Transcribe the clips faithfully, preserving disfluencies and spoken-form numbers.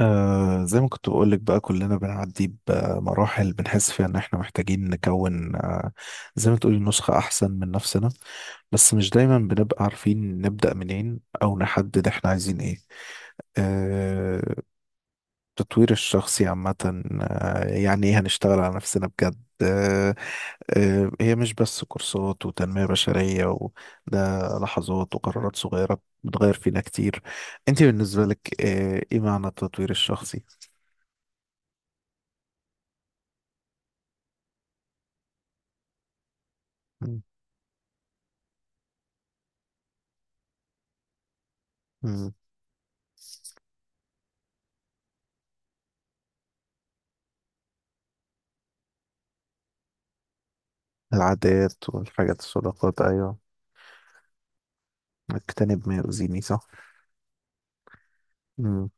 آه زي ما كنت بقولك بقى، كلنا بنعدي بمراحل بنحس فيها ان احنا محتاجين نكون آه زي ما تقولي نسخة احسن من نفسنا. بس مش دايما بنبقى عارفين نبدأ منين او نحدد احنا عايزين ايه. آه التطوير الشخصي عامة، آه يعني ايه هنشتغل على نفسنا بجد. آه آه هي مش بس كورسات وتنمية بشرية، وده لحظات وقرارات صغيرة بتغير فينا كتير. انت بالنسبة لك، آه ايه معنى التطوير الشخصي؟ مم. مم. العادات والحاجات، الصداقات، أيوة. اجتنب ما يؤذيني، صح. مم.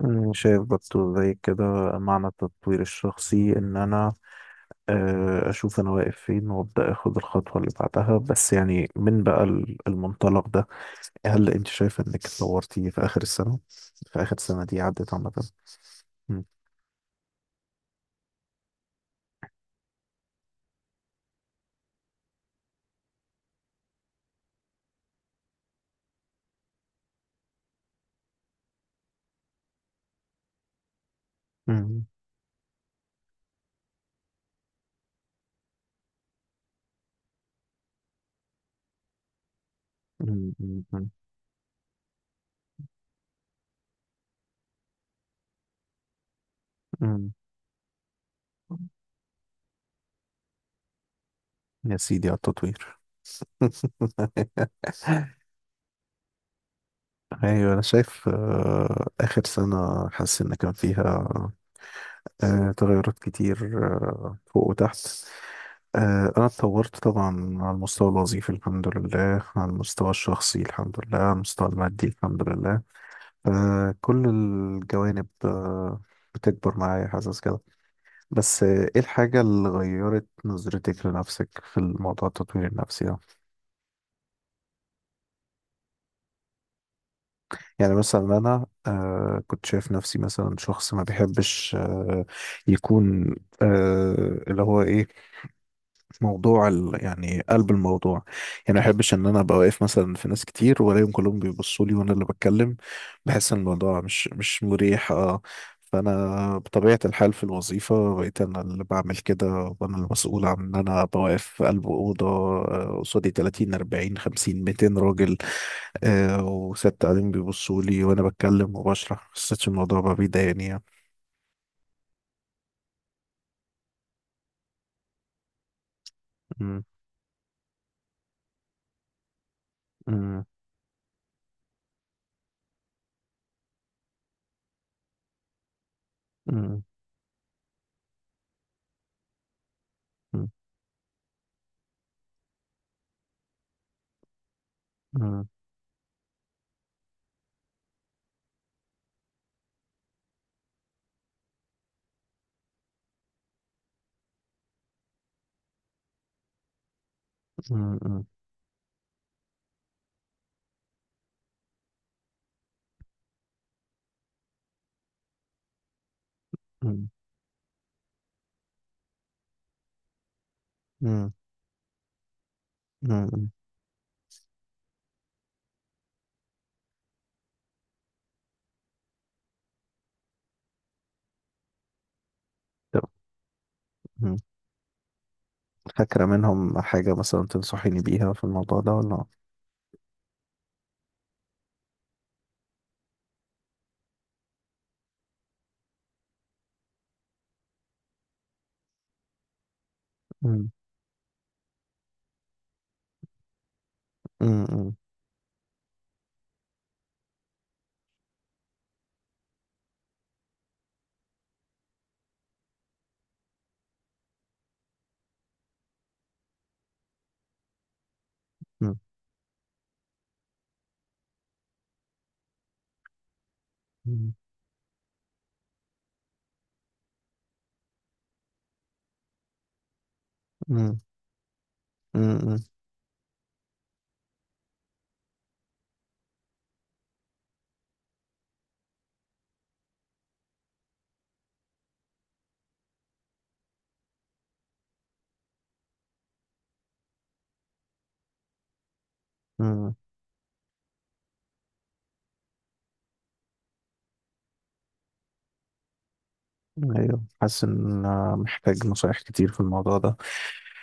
مم. شايف برضه زي كده، معنى التطوير الشخصي إن أنا آه، أشوف أنا واقف فين وأبدأ أخد الخطوة اللي بعدها، بس يعني من بقى ال- المنطلق ده. هل أنت شايف إنك اتطورتي في آخر السنة؟ في آخر السنة دي عدت عامة. مم. مم. مم. مم. مم. يا سيدي على التطوير. ايوه، انا شايف آه، اخر سنه حاسس ان كان فيها آه، تغيرات كتير، آه، فوق وتحت. آه، انا اتطورت طبعا على المستوى الوظيفي، الحمد لله، على المستوى الشخصي، الحمد لله، على المستوى المادي، الحمد لله. فكل الجوانب آه، بتكبر معايا، حاسس كده. بس آه، ايه الحاجه اللي غيرت نظرتك لنفسك في الموضوع التطوير النفسي ده؟ يعني مثلا انا آه كنت شايف نفسي مثلا شخص ما بيحبش آه يكون، آه اللي هو ايه، موضوع ال- يعني قلب الموضوع. يعني ما بحبش ان انا ابقى واقف مثلا في ناس كتير والاقيهم كلهم بيبصوا لي وانا اللي بتكلم. بحس ان الموضوع مش مش مريح، اه. فانا بطبيعه الحال في الوظيفه بقيت انا اللي بعمل كده، وانا المسؤول عن ان انا بوقف في قلب اوضه. آه، قصادي تلاتين اربعين خمسين مائتين راجل، آه وست قاعدين بيبصوا لي وانا بتكلم وبشرح، ما حسيتش الموضوع بقى بيضايقني يعني. مم، مم، مم، مم، مم، مم، مم، مم، مم، مم. طب، مم. فاكرة منهم حاجة مثلا تنصحيني بيها في الموضوع ده ولا؟ مم، مم، مم، مم، مم، مم، مم، مم. ايوه، حاسس ان أنا محتاج نصايح كتير في الموضوع ده.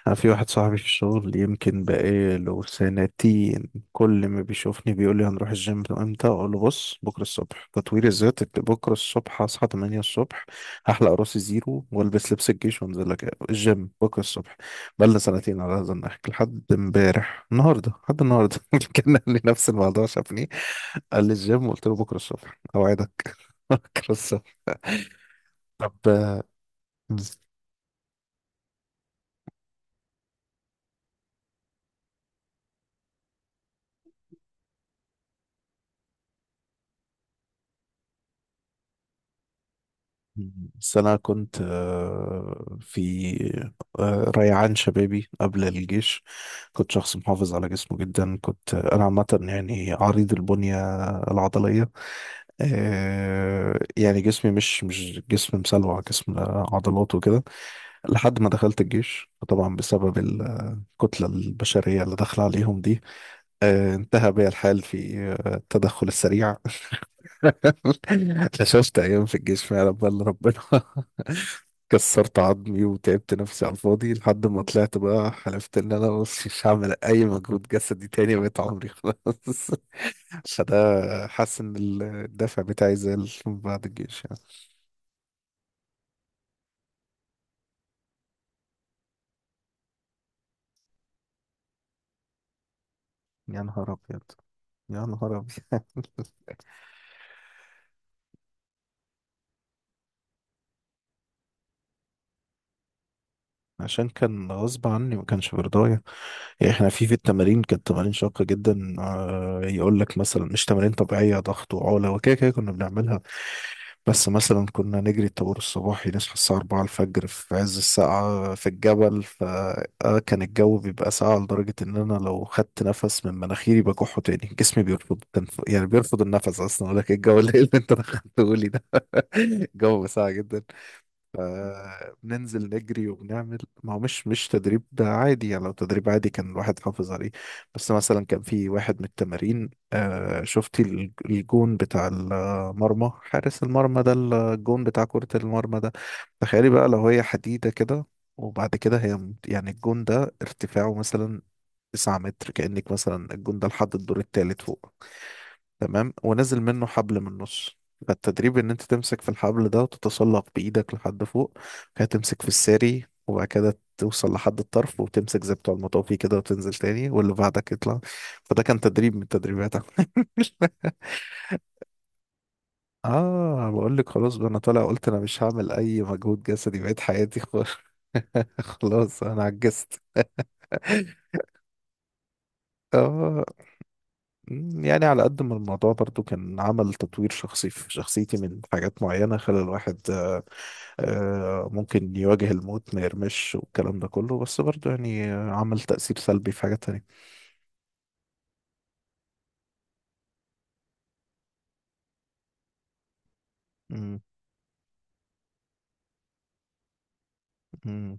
أنا في واحد صاحبي في الشغل يمكن بقاله سنتين، كل ما بيشوفني بيقول لي هنروح الجيم امتى، اقول له بص بكره الصبح تطوير الذات، ابت- بكره الصبح هصحى تمانية الصبح، هحلق راسي زيرو والبس لبس الجيش وانزل لك الجيم بكره الصبح. بقالنا سنتين على هذا النحو لحد امبارح النهارده، لحد النهارده، كان قال لي نفس الموضوع، شافني قال لي الجيم، قلت له بكره الصبح اوعدك. بكره الصبح. طب. بس أنا كنت آه، في آه، ريعان شبابي قبل الجيش، كنت شخص محافظ على جسمه جدا، كنت أنا عامة يعني عريض البنية العضلية. آه، يعني جسمي مش مش جسم مسلوع، جسم عضلات وكده. لحد ما دخلت الجيش طبعا، بسبب الكتلة البشرية اللي داخلة عليهم دي آه، انتهى بي الحال في آه، التدخل السريع. لا شفت أيام في الجيش فعلا، بل ربنا. كسرت عظمي وتعبت نفسي على الفاضي، لحد ما طلعت بقى حلفت ان انا بص مش هعمل اي مجهود جسدي تاني، بقيت عمري خلاص. فده، حاسس ان الدافع بتاعي زال بعد الجيش يعني. يا نهار ابيض، يا نهار ابيض. عشان كان غصب عني، ما كانش برضايا. يعني احنا في في التمارين كانت تمارين شاقه جدا، آه، يقول لك مثلا مش تمارين طبيعيه، ضغط وعوله وكده كده كنا بنعملها. بس مثلا كنا نجري الطابور الصباحي، نصحى الساعة أربعة الفجر في عز الساعة في الجبل، فكان الجو بيبقى ساقع لدرجة إن أنا لو خدت نفس من مناخيري بكحه تاني، جسمي بيرفض التنف... يعني بيرفض النفس أصلا. أقول لك إيه الجو الليل اللي أنت دخلته لي ده؟ الجو ساقع جدا. فبننزل نجري وبنعمل. ما هو مش مش تدريب عادي يعني، لو تدريب عادي كان الواحد حافظ عليه. بس مثلا كان في واحد من التمارين، آه شفتي الج- الجون بتاع المرمى، حارس المرمى ده، الجون بتاع كرة المرمى ده. تخيلي بقى، لو هي حديدة كده، وبعد كده هي م- يعني الجون ده ارتفاعه مثلا تسعة متر، كأنك مثلا الجون ده لحد الدور التالت فوق. تمام، ونزل منه حبل من النص. فالتدريب ان انت تمسك في الحبل ده وتتسلق بايدك لحد فوق، وبعد كده تمسك في الساري، وبعد كده توصل لحد الطرف وتمسك زي بتوع المطافي كده وتنزل تاني، واللي بعدك يطلع. فده كان تدريب من التدريبات. اه، بقول لك خلاص بقى انا طالع قلت انا مش هعمل اي مجهود جسدي، بقيت حياتي خلاص. خلاص، انا عجزت، اه. مم، يعني على قد ما الموضوع برضو كان عمل تطوير شخصي في شخصيتي من حاجات معينة، خلى الواحد آه، ممكن يواجه الموت ما يرمش والكلام ده كله، بس برضه يعني آه، عمل تأثير سلبي في حاجات تانية. مم، مم،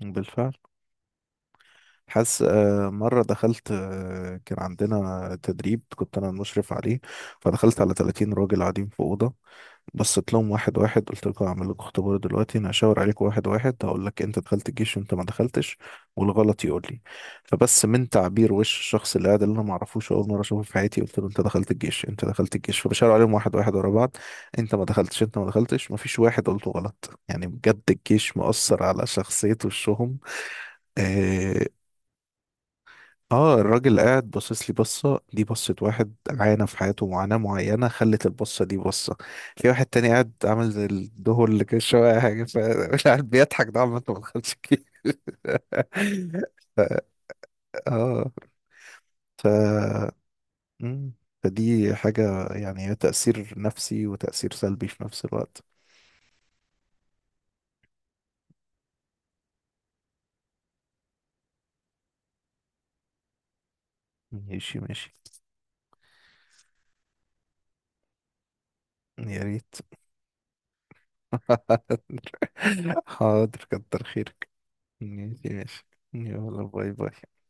بالفعل. حاسس، آه، مرة دخلت، آه، كان عندنا تدريب كنت أنا المشرف عليه. فدخلت على تلاتين راجل قاعدين في أوضة، بصيت لهم واحد واحد، قلت لكم هعمل لكم اختبار دلوقتي، انا هشاور عليكم واحد واحد، هقول لك انت دخلت الجيش وانت ما دخلتش، والغلط يقول لي. فبس من تعبير وش الشخص اللي قاعد، اللي انا ما اعرفوش اول مره اشوفه في حياتي، قلت له انت دخلت الجيش، انت دخلت الجيش، فبشاور عليهم واحد واحد ورا بعض. انت ما دخلتش، انت ما دخلتش. ما فيش واحد قلته غلط، يعني بجد الجيش مؤثر على شخصيه وشهم. آه، اه الراجل قاعد باصص لي بصة، دي بصة واحد عانى في حياته معاناة معينة خلت البصة دي بصة. في واحد تاني قاعد عامل زي الدهور، اللي كان شوية أي حاجة، فمش عارف بيضحك ده عمال، ما دخلش كتير. ف- اه. ف مم. فدي حاجة يعني، هي تأثير نفسي وتأثير سلبي في نفس الوقت. ماشي، ماشي. يا ريت. حاضر، كتر خيرك. ماشي ماشي. يلا، باي باي.